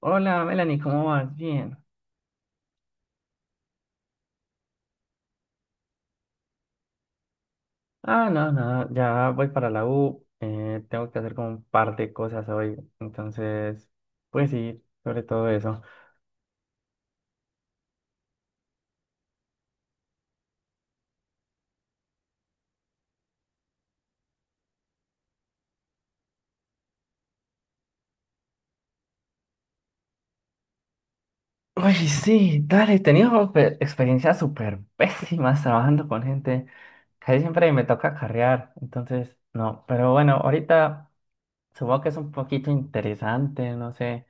Hola, Melanie, ¿cómo vas? Bien. Ah, no, no, ya voy para la U. Tengo que hacer como un par de cosas hoy. Entonces, pues sí, sobre todo eso. Uy, sí, dale, he tenido experiencias súper pésimas trabajando con gente. Casi siempre me toca carrear. Entonces, no, pero bueno, ahorita supongo que es un poquito interesante, no sé.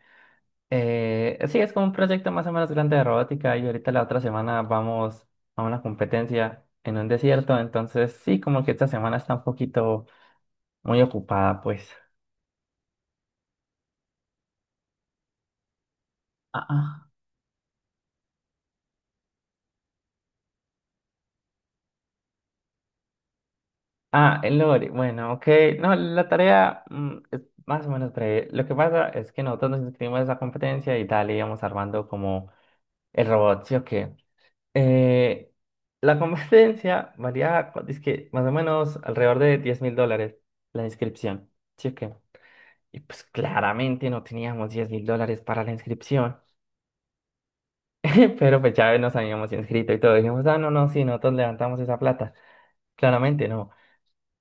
Sí, es como un proyecto más o menos grande de robótica y ahorita la otra semana vamos a una competencia en un desierto, entonces sí, como que esta semana está un poquito muy ocupada, pues. Ah, ah. El lore, bueno, ok, no, la tarea es más o menos breve. Lo que pasa es que nosotros nos inscribimos a esa competencia y tal, íbamos armando como el robot, ¿sí o qué? Eh, la competencia varía, es que más o menos alrededor de $10.000 la inscripción, ¿sí o qué? Y pues claramente no teníamos $10.000 para la inscripción, pero pues ya nos habíamos inscrito y todo. Dijimos, ah, no, no, sí, nosotros levantamos esa plata. Claramente no.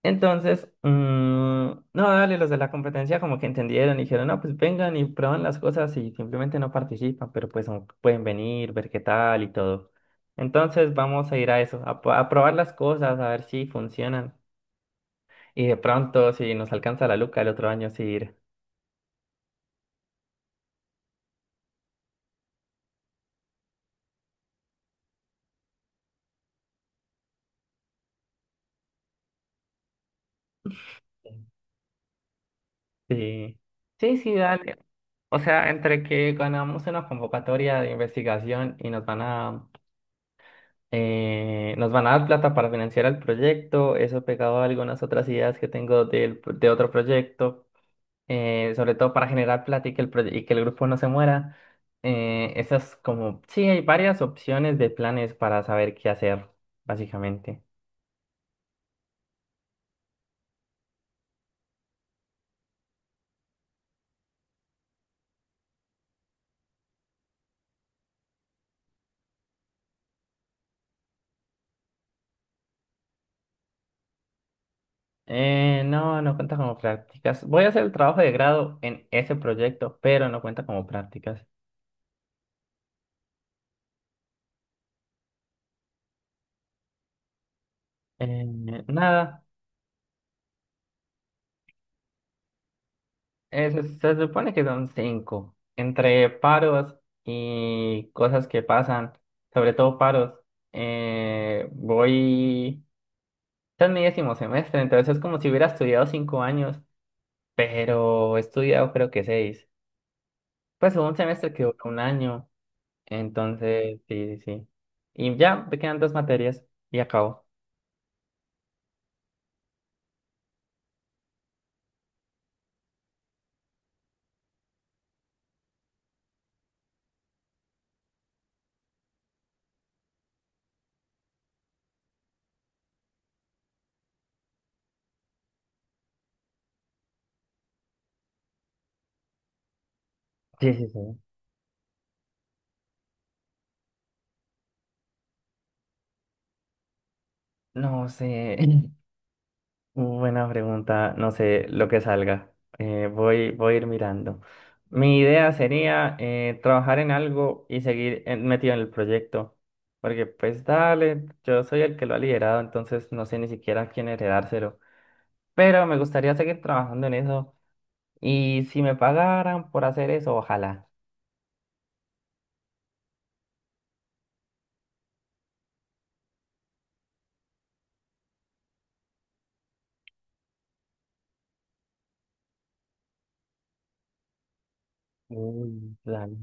Entonces, no, dale, los de la competencia como que entendieron y dijeron, no, pues vengan y prueban las cosas y simplemente no participan, pero pues no pueden venir, ver qué tal y todo. Entonces vamos a ir a eso, a probar las cosas, a ver si funcionan. Y de pronto, si nos alcanza la luca el otro año, sí ir. Sí, sí, sí, dale. O sea, entre que ganamos una convocatoria de investigación y nos van a dar plata para financiar el proyecto, eso pegado a algunas otras ideas que tengo de otro proyecto, sobre todo para generar plata y que el grupo no se muera. Esas como, sí, hay varias opciones de planes para saber qué hacer, básicamente. No, no cuenta como prácticas. Voy a hacer el trabajo de grado en ese proyecto, pero no cuenta como prácticas. Eh, Nada. Se supone que son cinco, entre paros y cosas que pasan, sobre todo paros. eh, voy, este es mi décimo semestre, entonces es como si hubiera estudiado 5 años, pero he estudiado creo que seis. Pues hubo un semestre que duró 1 año, entonces sí, sí, sí. Y ya me quedan 2 materias y acabo. Sí, sí, sí. No sé. Buena pregunta, no sé, lo que salga. Voy a ir mirando. Mi idea sería trabajar en algo y seguir metido en el proyecto. Porque pues dale, yo soy el que lo ha liderado, entonces no sé ni siquiera a quién heredárselo. Pero me gustaría seguir trabajando en eso. Y si me pagaran por hacer eso, ojalá. Uy, dale.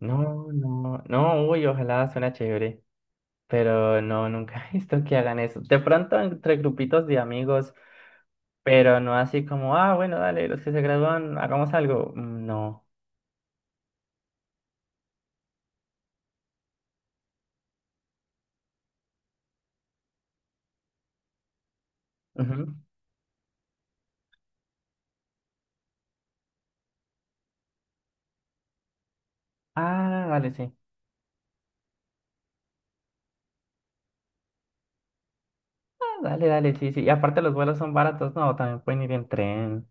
No, no, no, uy, ojalá suena chévere. Pero no, nunca he visto que hagan eso. De pronto entre grupitos de amigos. Pero no así como, ah, bueno, dale, los que se gradúan, hagamos algo. Mm. No. Ujú. Ah, dale, sí. Ah, dale, dale, sí, sí. Y aparte los vuelos son baratos, no, también pueden ir en tren.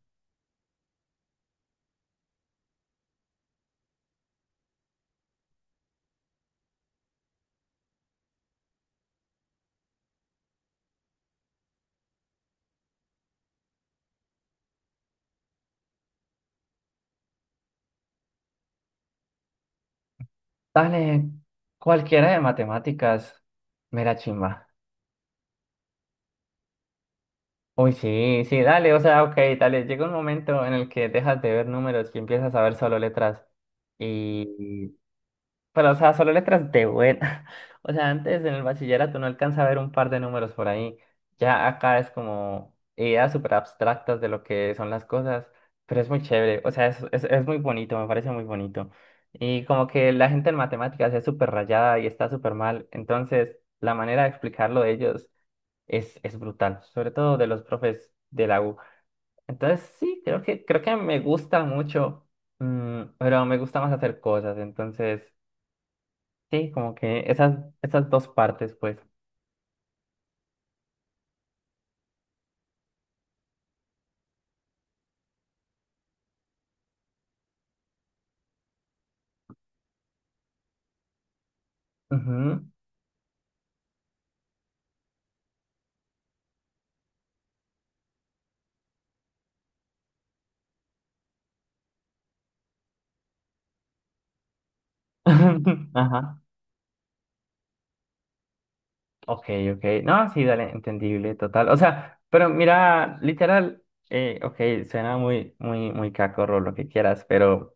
Dale, cualquiera de matemáticas. Mera chimba. Uy, sí, sí, dale, o sea, ok, dale. Llega un momento en el que dejas de ver números y empiezas a ver solo letras. Y pero, o sea, solo letras de buena. O sea, antes en el bachillerato no alcanza a ver un par de números por ahí. Ya acá es como ideas súper abstractas de lo que son las cosas, pero es muy chévere. O sea, es muy bonito, me parece muy bonito. Y como que la gente en matemáticas es súper rayada y está súper mal. Entonces, la manera de explicarlo de ellos es brutal, sobre todo de los profes de la U. Entonces, sí, creo que me gusta mucho, pero me gusta más hacer cosas. Entonces... Sí, como que esas dos partes, pues. Ujú. Ajá. Ok, ok. No, sí, dale, entendible, total. O sea, pero mira, literal, ok, suena muy, muy, muy cacorro lo que quieras, pero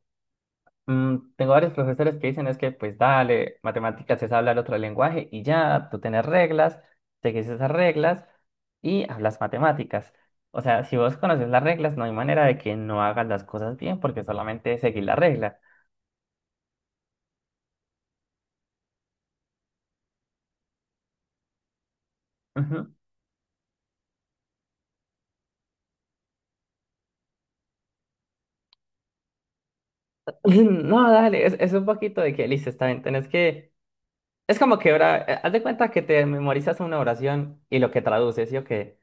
tengo varios profesores que dicen es que, pues dale, matemáticas es hablar otro lenguaje y ya, tú tienes reglas, seguís esas reglas y hablas matemáticas. O sea, si vos conoces las reglas, no hay manera de que no hagas las cosas bien porque solamente seguís la regla. No, dale, es un poquito de que listo, está bien, tenés que... Es como que ahora, haz de cuenta que te memorizas una oración y lo que traduces, ¿sí o qué?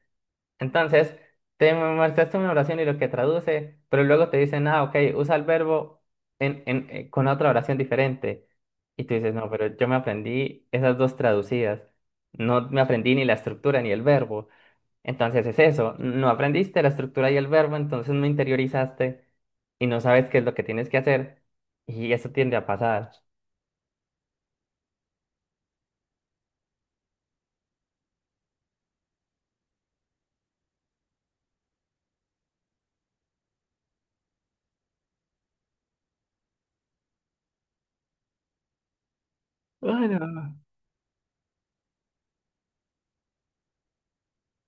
Entonces, te memorizaste una oración y lo que traduce, pero luego te dicen, ah, ok, usa el verbo con otra oración diferente. Y tú dices, no, pero yo me aprendí esas dos traducidas, no me aprendí ni la estructura ni el verbo. Entonces es eso, no aprendiste la estructura y el verbo, entonces no interiorizaste y no sabes qué es lo que tienes que hacer y eso tiende a pasar. Bueno,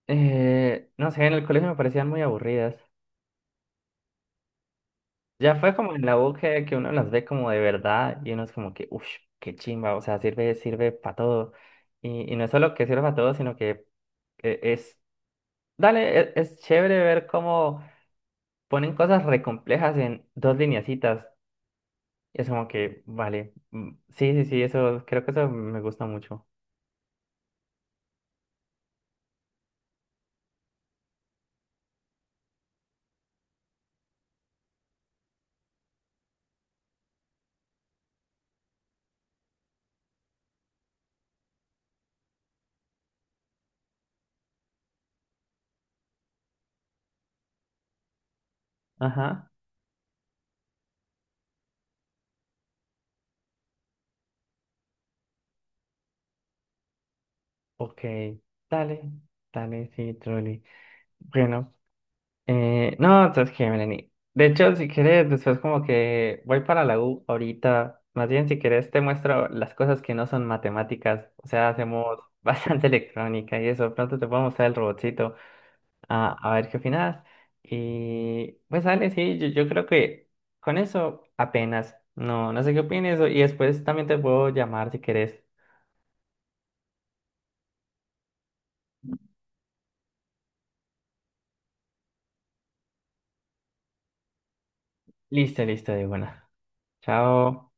No sé, en el colegio me parecían muy aburridas. Ya fue como en la U que uno las ve como de verdad y uno es como que, uff, qué chimba, o sea, sirve, sirve para todo. Y no es solo que sirve para todo, sino que eh, es, dale, es, chévere ver cómo ponen cosas re complejas en dos lineacitas. Y es como que, vale, sí, sí, sí, eso, creo que eso me gusta mucho. Ajá, ok, dale, dale, sí, truly. Bueno, no, entonces que, Melanie. De hecho, si quieres, después como que voy para la U ahorita. Más bien, si quieres, te muestro las cosas que no son matemáticas. O sea, hacemos bastante electrónica y eso. Pronto te puedo mostrar el robotcito. A, a ver qué opinas. Y pues dale, sí, yo creo que con eso apenas. No, no sé qué opines. Y después también te puedo llamar si querés. Listo, listo, de buena. Chao.